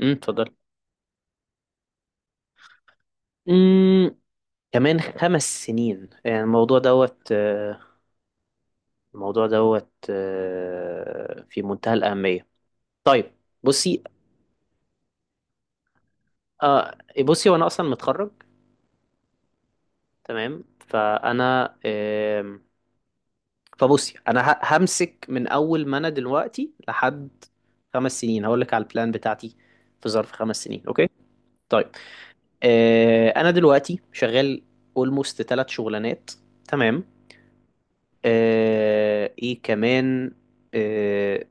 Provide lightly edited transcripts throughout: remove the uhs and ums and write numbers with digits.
اتفضل. امم كمان 5 سنين، يعني الموضوع دوت في منتهى الأهمية. طيب، بصي آه، بصي وانا اصلا متخرج. تمام، فانا آم، فبصي انا همسك من اول ما انا دلوقتي لحد 5 سنين. هقول لك على البلان بتاعتي في ظرف 5 سنين. اوكي. طيب، انا دلوقتي شغال اولموست ثلاث شغلانات. تمام. ايه كمان؟ آه،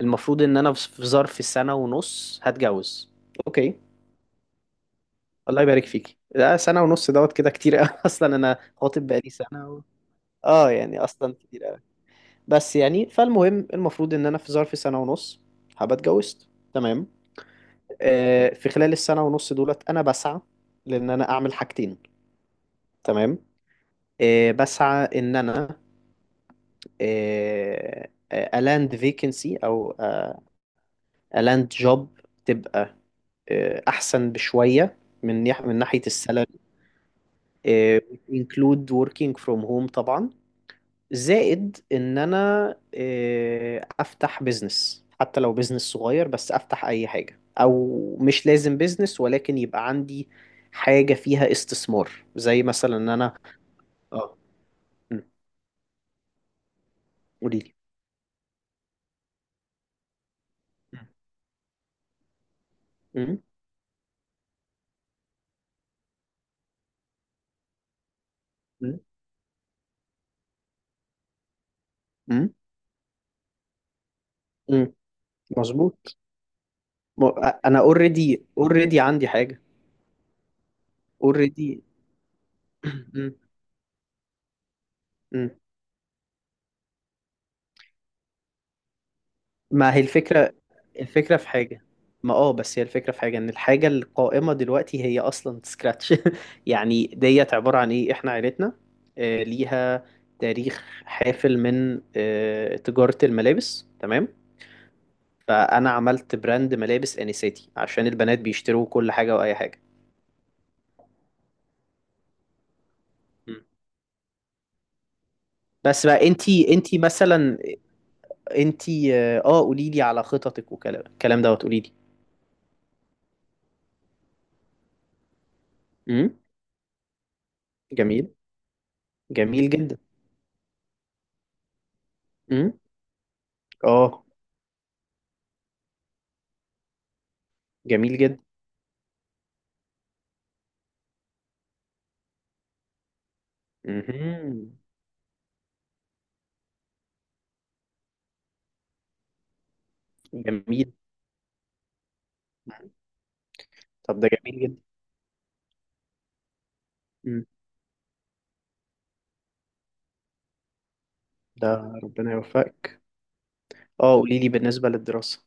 المفروض ان انا في ظرف سنة ونص هتجوز. اوكي. الله يبارك فيكي، ده سنة ونص دوت كده كتير قوي اصلا انا خاطب بقالي سنة و... اه يعني اصلا كتير قوي. بس يعني فالمهم، المفروض ان انا في ظرف سنة ونص هبقى اتجوزت. تمام. في خلال السنة ونص دولت انا بسعى لان انا اعمل حاجتين. تمام. بسعى ان انا الاند فيكنسي او لاند جوب تبقى احسن بشويه من من ناحيه السالري. انكلود وركينج فروم هوم طبعا. زائد ان انا افتح بزنس، حتى لو بزنس صغير، بس افتح اي حاجه، او مش لازم بزنس ولكن يبقى عندي حاجه فيها استثمار، زي مثلا ان انا اه مم. قولي لي. مم. مم. مم. مم. مظبوط. م- انا اوريدي عندي حاجه، اوريدي. ما هي الفكرة؟ الفكرة في حاجة. ما بس، هي الفكرة في حاجة، ان الحاجة القائمة دلوقتي هي اصلا سكراتش يعني ديت عبارة عن ايه؟ احنا عيلتنا ليها تاريخ حافل من تجارة الملابس، تمام؟ فانا عملت براند ملابس انساتي، عشان البنات بيشتروا كل حاجة واي حاجة. م. بس بقى انتي مثلا، انتي قوليلي على خططك، وكلام الكلام دوت قوليلي. امم جميل. جميل جدا. امم اه، جميل جدا. مهم. جميل. طب ده جميل جدا. مم. ده ربنا يوفقك. اه، قولي لي بالنسبة للدراسة.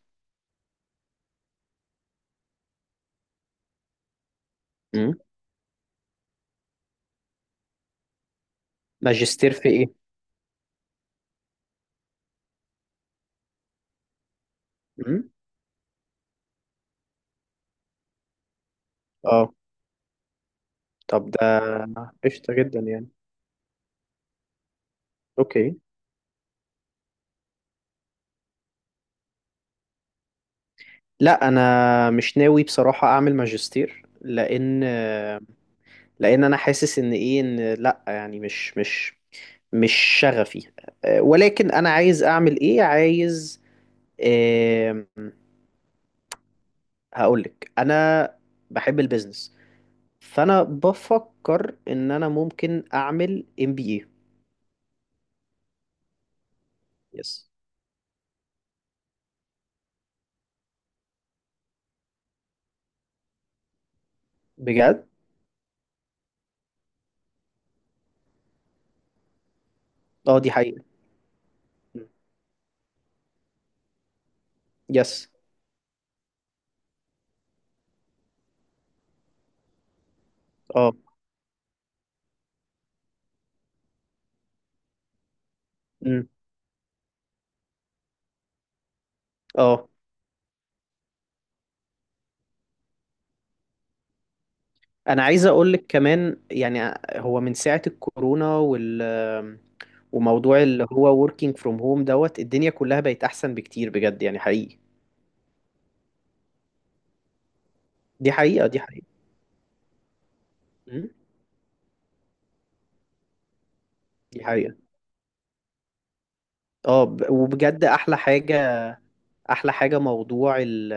مم. ماجستير في ايه؟ مم. اه، طب ده قشطة جدا يعني. اوكي. لا، انا مش ناوي بصراحة اعمل ماجستير، لان انا حاسس ان ايه، ان لا يعني مش شغفي. ولكن انا عايز اعمل ايه؟ عايز آم، هقولك، انا بحب البيزنس. فانا بفكر ان انا ممكن اعمل ام بي اي. يس. بجد. اه، دي حقيقة. يس. اه. امم اه، انا عايز اقول لك كمان يعني، هو من ساعة الكورونا وال- وموضوع اللي هو working from home دوت، الدنيا كلها بقت احسن بكتير، بجد يعني حقيقي. دي حقيقة، دي حقيقة. امم دي حقيقة. اه، وبجد احلى حاجة. احلى حاجة موضوع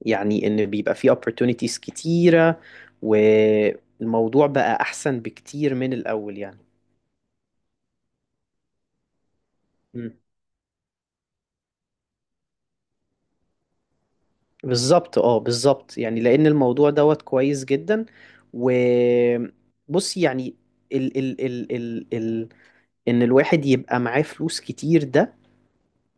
يعني ان بيبقى فيه opportunities كتيرة، والموضوع بقى احسن بكتير من الاول يعني. مم. بالظبط، اه، بالظبط يعني، لان الموضوع دوت كويس جدا. وبص يعني، ال ال ال ال ال ان الواحد يبقى معاه فلوس كتير، ده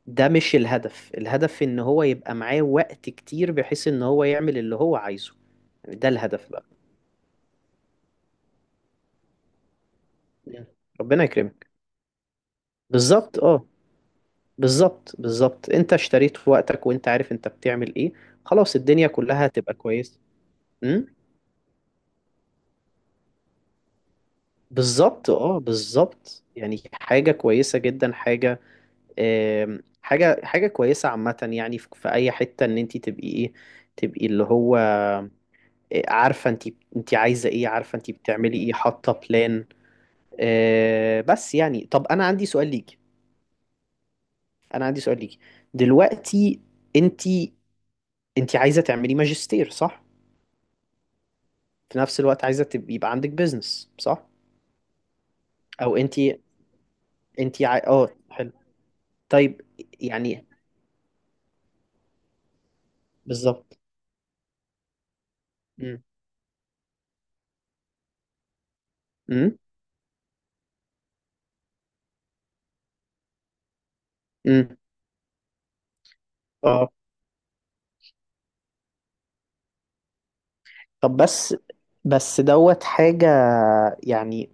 ده مش الهدف. الهدف ان هو يبقى معاه وقت كتير، بحيث ان هو يعمل اللي هو عايزه. يعني ده الهدف بقى. مم. ربنا يكرمك. بالظبط، اه، بالظبط، انت اشتريت وقتك، وانت عارف انت بتعمل ايه. خلاص، الدنيا كلها هتبقى كويسة. امم بالظبط، اه، بالظبط يعني، حاجة كويسة جدا. حاجة كويسة عامة، يعني في اي حتة، ان انت تبقي ايه، تبقي اللي هو، عارفة انت عايزة ايه، عارفة انت بتعملي ايه، حاطة بلان. بس يعني، طب انا عندي سؤال ليكي دلوقتي. انت انت عايزة تعملي ماجستير، صح؟ في نفس الوقت عايزة يبقى عندك بيزنس، صح؟ أو أنتي أه، حلو. طيب يعني، بالظبط. امم امم امم أه، طب، بس دوت حاجة يعني.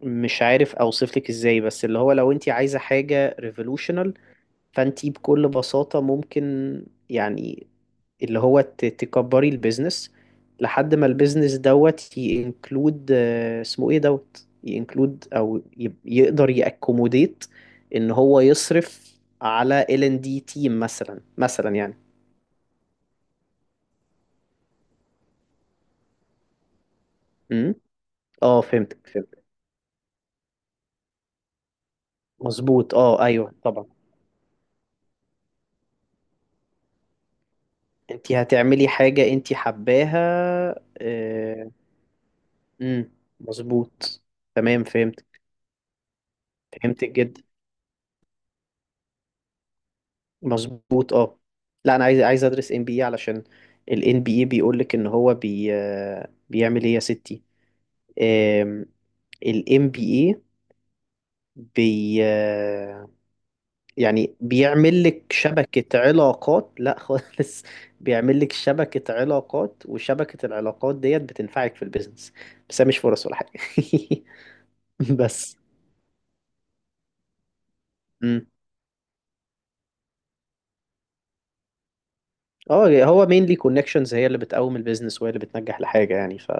مش عارف أوصف لك إزاي، بس اللي هو لو أنتي عايزة حاجة ريفولوشنال، فأنتي بكل بساطة ممكن يعني، اللي هو تكبري البيزنس لحد ما البيزنس دوت ينكلود، اسمه ايه دوت، ينكلود او يقدر يأكوموديت ان هو يصرف على ال ان دي تيم، مثلا يعني. امم اه، فهمتك فهمتك. مظبوط، اه، ايوه طبعا. انت هتعملي حاجة انت حباها. امم مظبوط. تمام، فهمت. فهمتك جدا، مظبوط، اه. لا، انا عايز ادرس ام بي اي، علشان الان بي اي بيقول لك ان هو بي آه، بيعمل ايه يا ستي. الام بي اي بي آه، يعني بيعمل لك شبكة علاقات، لا خالص. بيعمل لك شبكة علاقات، وشبكة العلاقات ديت بتنفعك في البيزنس، بس هي مش فرص ولا حاجة بس مم. اه، هو مينلي كونكشنز هي اللي بتقوم البيزنس، وهي اللي بتنجح لحاجة يعني،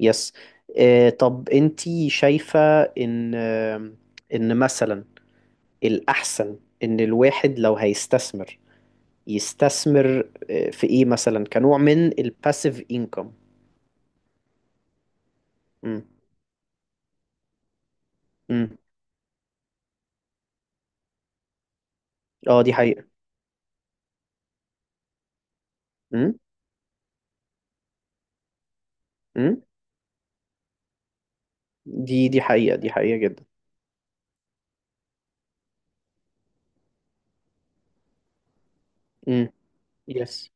يس. طب، انتي شايفة ان، مثلا الأحسن ان الواحد لو هيستثمر، يستثمر في ايه مثلا، كنوع من الباسيف انكم. امم امم اه، دي حقيقة. امم امم دي حقيقة. دي حقيقة جدا. امم يس.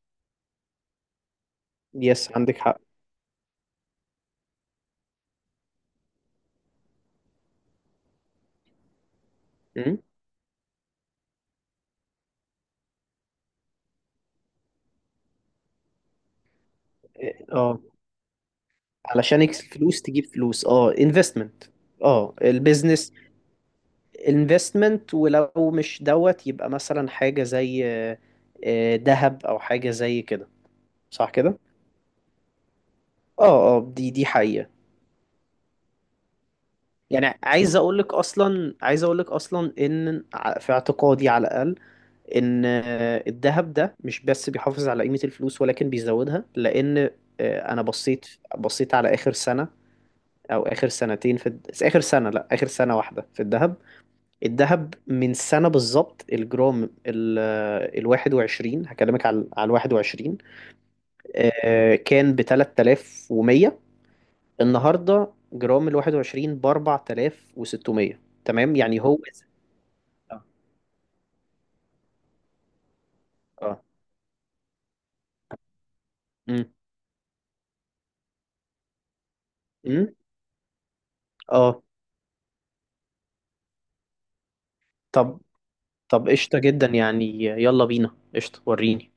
يس، عندك حق. امم اه، علشان الفلوس تجيب فلوس، اه، انفستمنت. اه، البيزنس investment. ولو مش دوت، يبقى مثلا حاجة زي ذهب، او حاجة زي كده. صح كده. اه، اه، دي حقيقة. يعني عايز اقول لك اصلا ان في اعتقادي على الاقل، ان الذهب ده مش بس بيحافظ على قيمة الفلوس، ولكن بيزودها. لان انا بصيت على اخر سنة، او اخر سنتين في اخر سنة، لا اخر سنة واحدة، في الذهب. الذهب من سنة بالظبط، الجرام 21، هكلمك على 21، كان بـ3,100. النهاردة جرام 21 بـ4,600. تمام يعني، هو، اه، اه. مم. مم. اه، طب طب قشطة جدا يعني. يلا بينا، قشطة وريني.